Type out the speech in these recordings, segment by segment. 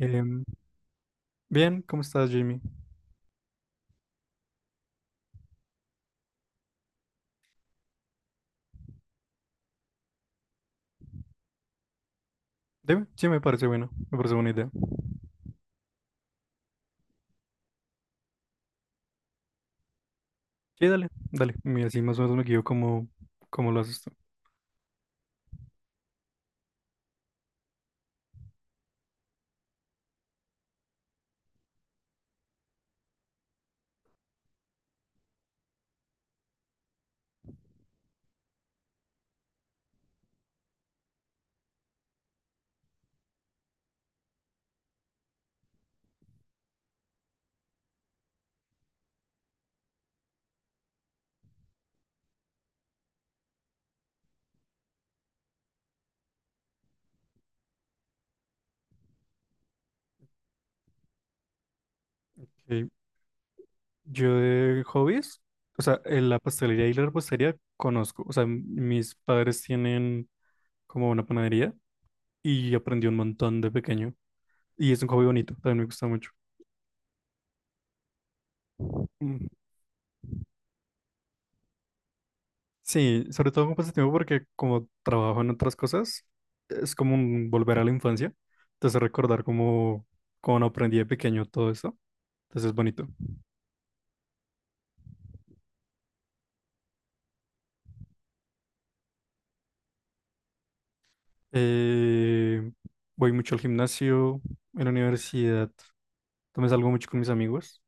Em, Bien, ¿cómo estás, Jimmy? Dime, sí, me parece bueno, me parece buena idea. Sí, dale, dale. Y así más o menos me guío como, como lo haces tú. Ok. Yo de hobbies, o sea, en la pastelería y la repostería conozco. O sea, mis padres tienen como una panadería y aprendí un montón de pequeño. Y es un hobby bonito, también me gusta mucho. Mm. Sí, sobre todo con pasatiempo porque como trabajo en otras cosas, es como un volver a la infancia. Entonces recordar cómo, cómo aprendí de pequeño todo eso. Entonces es bonito. Eh, voy mucho al gimnasio, en la universidad. También salgo mucho con mis amigos.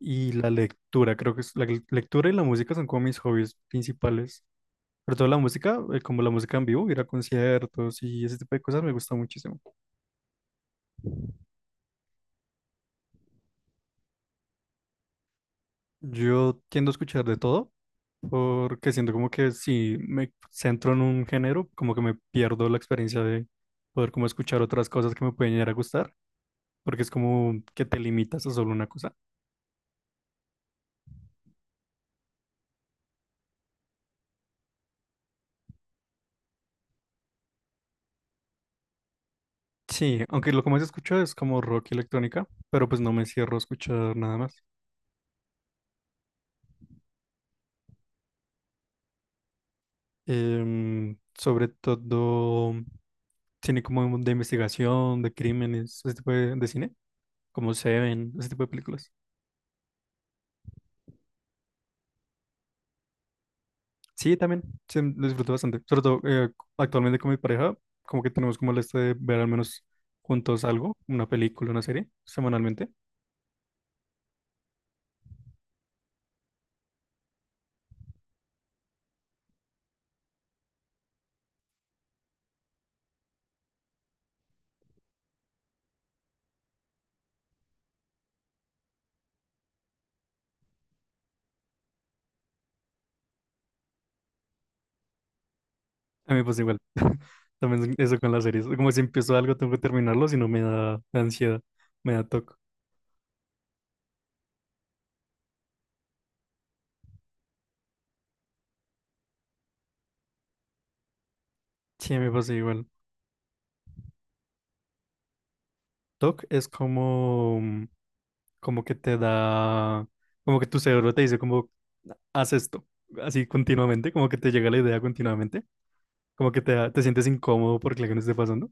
Y la lectura, creo que es, lectura y la música son como mis hobbies principales. Pero toda la música, como la música en vivo, ir a conciertos y ese tipo de cosas me gusta muchísimo. Yo tiendo a escuchar de todo porque siento como que si me centro en un género, como que me pierdo la experiencia de poder como escuchar otras cosas que me pueden llegar a gustar, porque es como que te limitas a solo una cosa. Sí, aunque lo que más escucho es como rock y electrónica, pero pues no me cierro a escuchar nada más. Sobre todo cine como de investigación, de crímenes, ese tipo de cine, como Seven, ese tipo de películas. Sí, también, sí, lo disfruto bastante. Sobre todo actualmente con mi pareja, como que tenemos como el este de ver al menos juntos algo, una película, una serie, semanalmente. A mí pues igual, también eso con las series. Como si empiezo algo, tengo que terminarlo, si no me da ansiedad, me da toque. Sí, me pasa igual. TOC es como, mm, como que te da, como que tu cerebro te dice como, haz esto, así continuamente, como que te llega la idea continuamente, como que te, te sientes incómodo porque la que no esté pasando.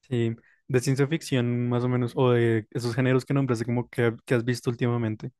Sí, de ciencia ficción más o menos, o de esos géneros que nombraste, como que has visto últimamente.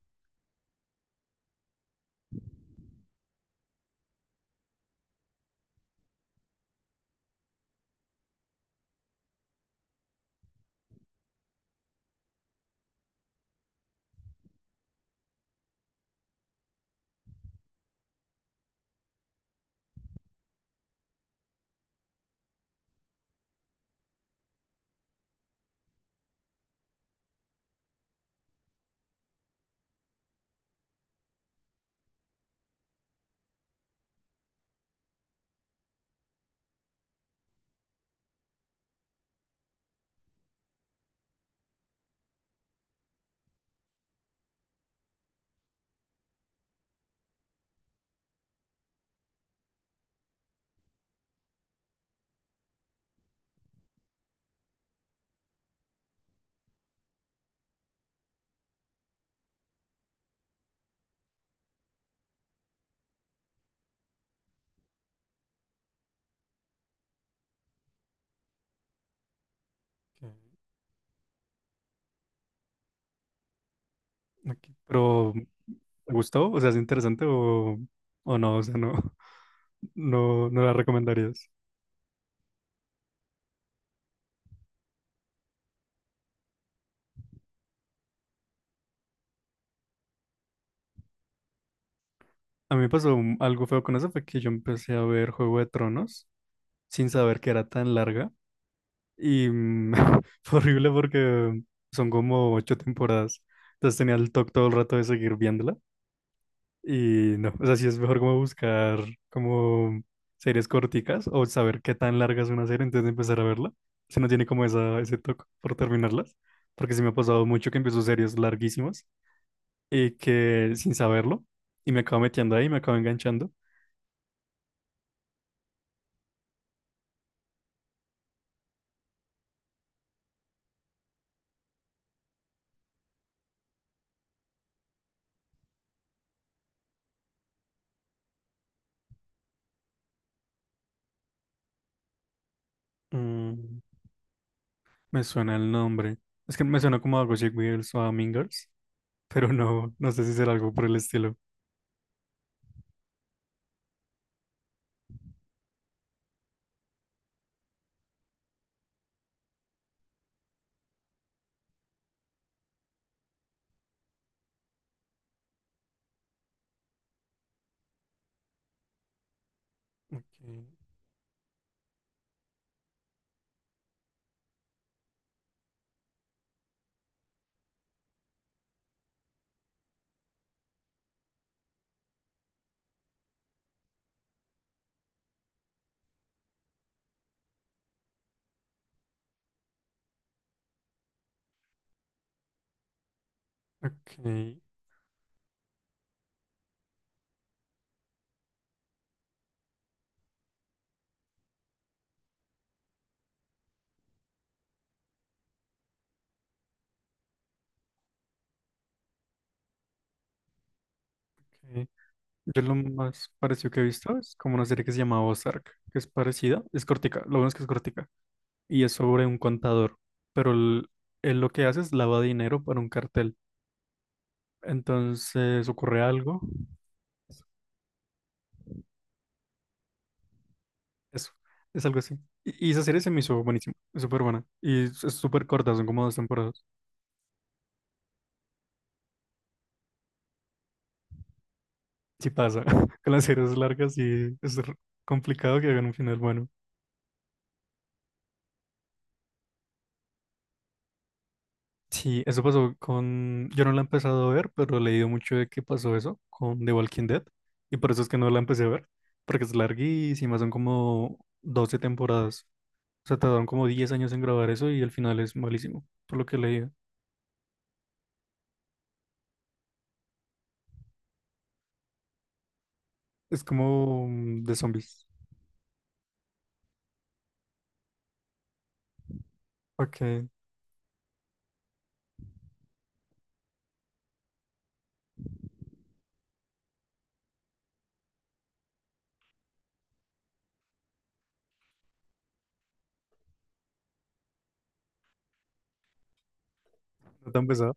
Ok, ok. Pero, mm, ¿te gustó? O sea, ¿es interesante o no? O sea, no, no, no la recomendarías. A mí me pasó algo feo con eso, fue que yo empecé a ver Juego de Tronos sin saber que era tan larga. Y mm, fue horrible porque son como 8 temporadas. Entonces tenía el toque todo el rato de seguir viéndola. Y no, o sea, sí es mejor como buscar como series corticas o saber qué tan larga es una serie antes de empezar a verla. Si no tiene como esa, ese toque por terminarlas. Porque sí me ha pasado mucho que empiezo series larguísimas y que sin saberlo. Y me acabo metiendo ahí, me acabo enganchando. Mm, me suena el nombre. Es que me suena como algo así, Girls o Mean Girls. Pero no, no sé si será algo por el estilo. Ok, ok, ok. Yo lo más parecido que he visto es como una serie que se llama Ozark, que es parecida, es cortica, lo bueno es que es cortica, y es sobre un contador, pero él lo que hace es lava dinero para un cartel. Entonces ocurre algo, eso, es algo así. Y esa serie se me hizo buenísima, es súper buena, y es súper corta, son como 2 temporadas. Si pasa, con las series largas y es complicado que hagan un final bueno. Sí, eso pasó con... Yo no la he empezado a ver, pero he leído mucho de que pasó eso con The Walking Dead. Y por eso es que no la empecé a ver. Porque es larguísima, son como 12 temporadas. O sea, tardaron como 10 años en grabar eso y el final es malísimo, por lo que he leído. Es como mm, de zombies. Ok, no tan pesado.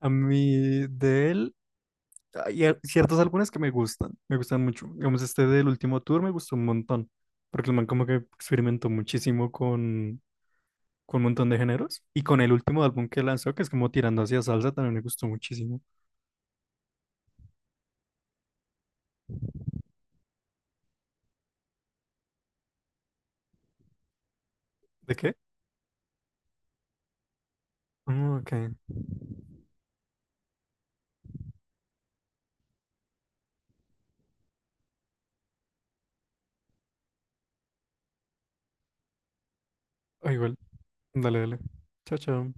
A mí de él hay ciertos álbumes que me gustan mucho. Digamos, este del último tour me gustó un montón. Porque el man como que experimentó muchísimo con un montón de géneros. Y con el último álbum que lanzó, que es como tirando hacia salsa, también me gustó muchísimo. ¿De qué? Ah, ok. Ah, igual. Dale, dale. Chao, chao.